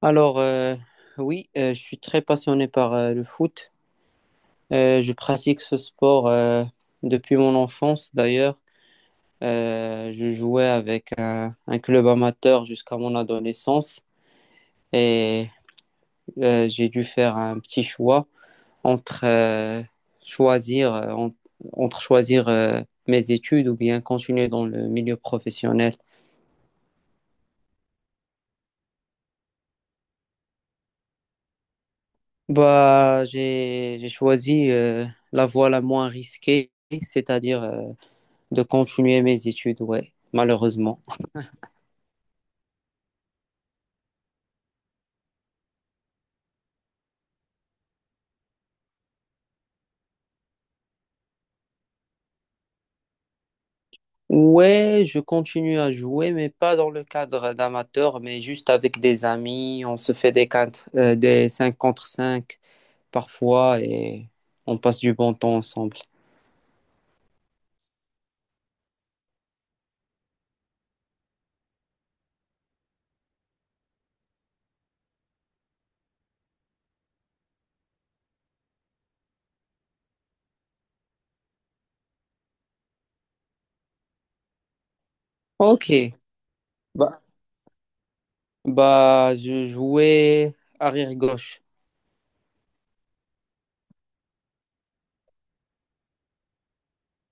Alors, euh, oui, je suis très passionné par le foot. Je pratique ce sport depuis mon enfance d'ailleurs. Je jouais avec un club amateur jusqu'à mon adolescence et j'ai dû faire un petit choix entre choisir, euh, en- entre choisir mes études ou bien continuer dans le milieu professionnel. J'ai choisi la voie la moins risquée, c'est-à-dire de continuer mes études, ouais, malheureusement. Ouais, je continue à jouer, mais pas dans le cadre d'amateur, mais juste avec des amis. On se fait des 5 contre 5 parfois et on passe du bon temps ensemble. Ok, bah, bah je jouais arrière-gauche.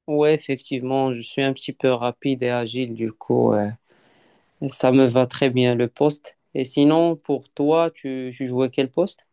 Ouais, effectivement, je suis un petit peu rapide et agile, du coup, ça me va très bien le poste. Et sinon, pour toi, tu jouais quel poste?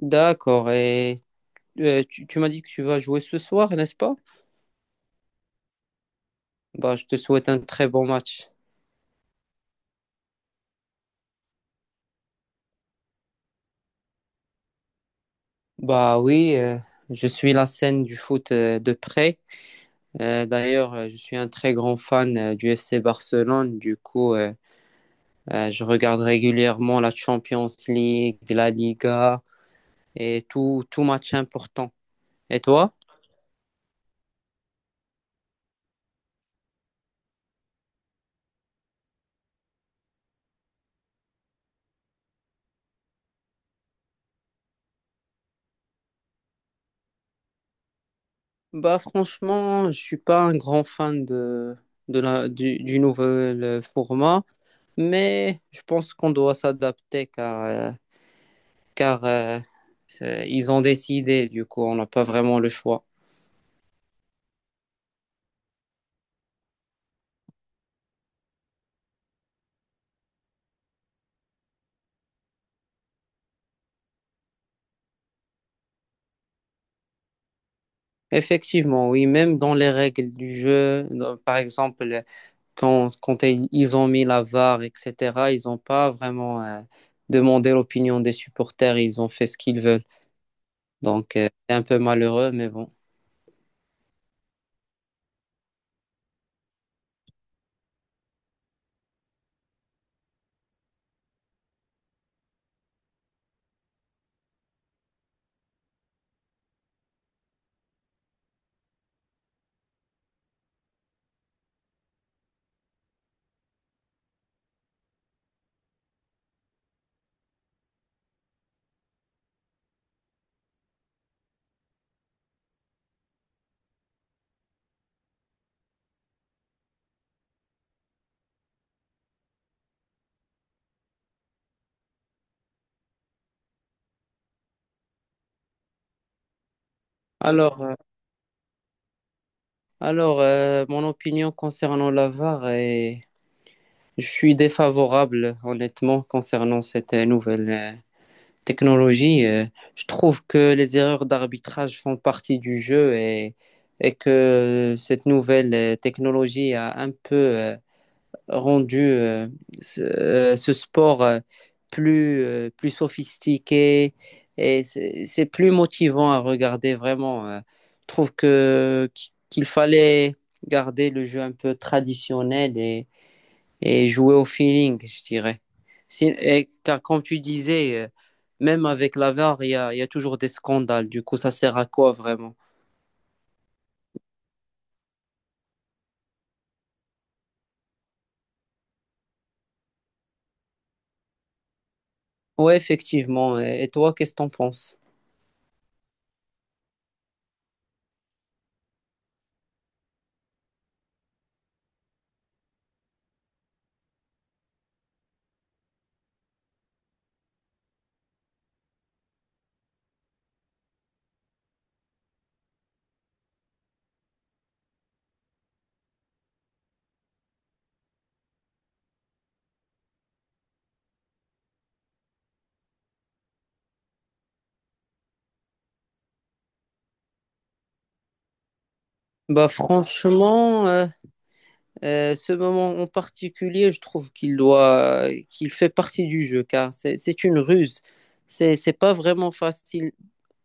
D'accord, et tu m'as dit que tu vas jouer ce soir, n'est-ce pas? Bah, je te souhaite un très bon match. Bah oui, je suis la scène du foot de près. D'ailleurs, je suis un très grand fan du FC Barcelone. Du coup, je regarde régulièrement la Champions League, la Liga et tout match important. Et toi? Bah franchement, je suis pas un grand fan du nouvel format, mais je pense qu'on doit s'adapter car ils ont décidé, du coup, on n'a pas vraiment le choix. Effectivement, oui, même dans les règles du jeu, dans- par exemple, quand ils ont mis la VAR, etc., ils n'ont pas vraiment demandé l'opinion des supporters, ils ont fait ce qu'ils veulent. Donc, c'est un peu malheureux, mais bon. Alors, euh, mon opinion concernant la VAR est... Je suis défavorable, honnêtement, concernant cette nouvelle technologie. Je trouve que les erreurs d'arbitrage font partie du jeu et que cette nouvelle technologie a un peu rendu ce sport plus, plus sophistiqué et c'est plus motivant à regarder vraiment. Je trouve que qu'il fallait garder le jeu un peu traditionnel et jouer au feeling, je dirais. Car comme tu disais, même avec la VAR, il y a toujours des scandales. Du coup, ça sert à quoi vraiment? Ouais, effectivement. Et toi, qu'est-ce que t'en penses? Bah franchement, ce moment en particulier, je trouve qu'il fait partie du jeu, car c'est une ruse. C'est pas vraiment facile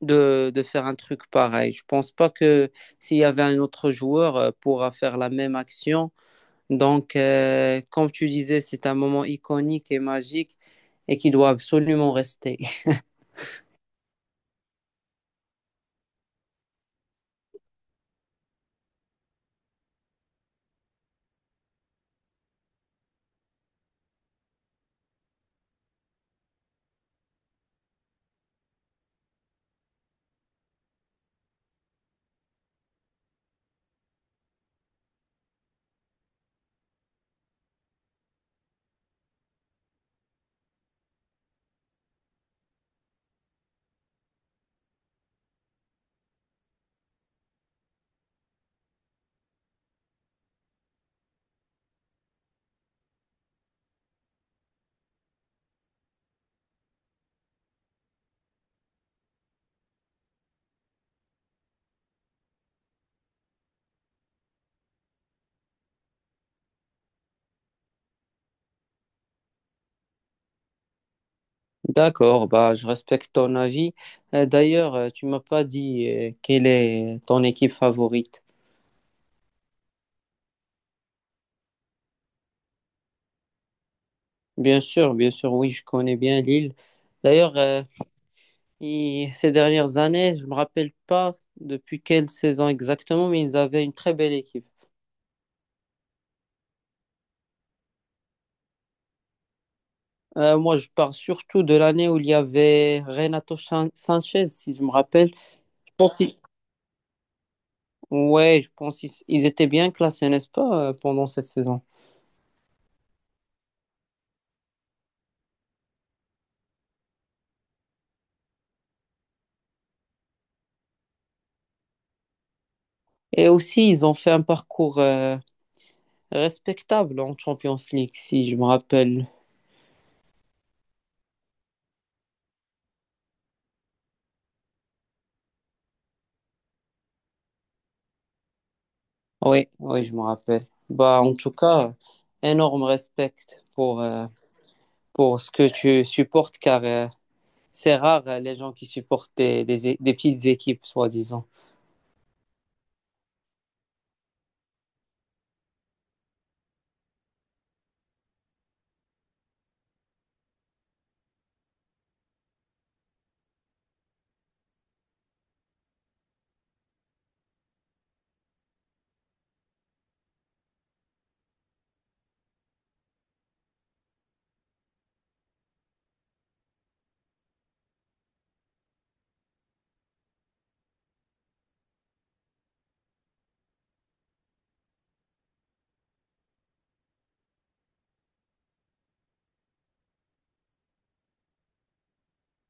de faire un truc pareil. Je pense pas que s'il y avait un autre joueur, pourra faire la même action. Donc, comme tu disais, c'est un moment iconique et magique et qui doit absolument rester. D'accord, bah, je respecte ton avis. D'ailleurs, tu m'as pas dit quelle est ton équipe favorite. Bien sûr, oui, je connais bien Lille. D'ailleurs, ces dernières années, je me rappelle pas depuis quelle saison exactement, mais ils avaient une très belle équipe. Moi, je parle surtout de l'année où il y avait Sanchez, si je me rappelle. Je pense, qu'il Ouais, je pense qu'ils ils étaient bien classés, n'est-ce pas, pendant cette saison. Et aussi, ils ont fait un parcours respectable en Champions League, si je me rappelle. Oui, oui, je me rappelle. Bah, en tout cas, énorme respect pour, euh, pour ce que tu supportes, car c'est rare les gens qui supportent des petites équipes, soi-disant.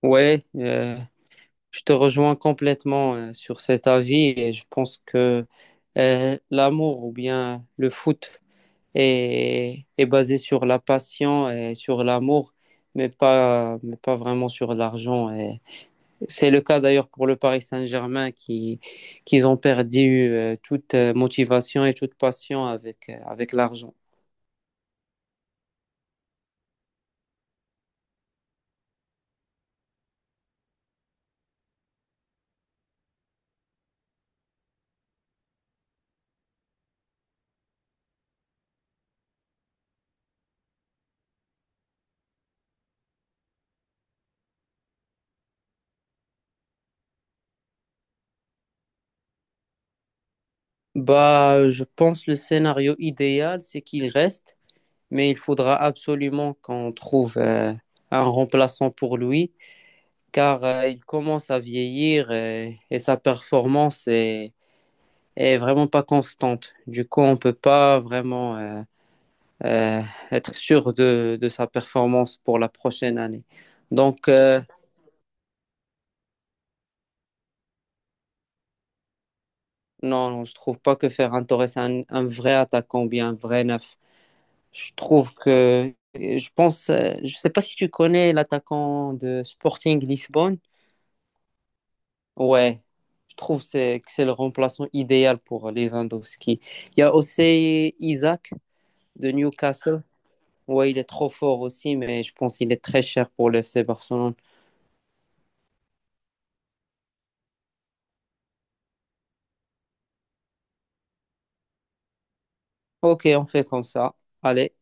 Ouais, je te rejoins complètement sur cet avis et je pense que l'amour ou bien le foot et est basé sur la passion et sur l'amour, mais pas vraiment sur l'argent. Et c'est le cas d'ailleurs pour le Paris Saint-Germain qui, qu'ils ont perdu toute motivation et toute passion avec, avec l'argent. Bah, je pense le scénario idéal, c'est qu'il reste, mais il faudra absolument qu'on trouve un remplaçant pour lui, car il commence à vieillir et sa performance est vraiment pas constante. Du coup, on peut pas vraiment euh, être sûr de sa performance pour la prochaine année. Donc, non, non, je trouve pas que Ferran Torres est un vrai attaquant ou bien un vrai neuf. Je trouve que, je pense, je sais pas si tu connais l'attaquant de Sporting Lisbonne. Ouais, je trouve que c'est le remplaçant idéal pour Lewandowski. Il y a aussi Isaac de Newcastle. Ouais, il est trop fort aussi, mais je pense qu'il est très cher pour le FC Barcelone. Ok, on fait comme ça. Allez.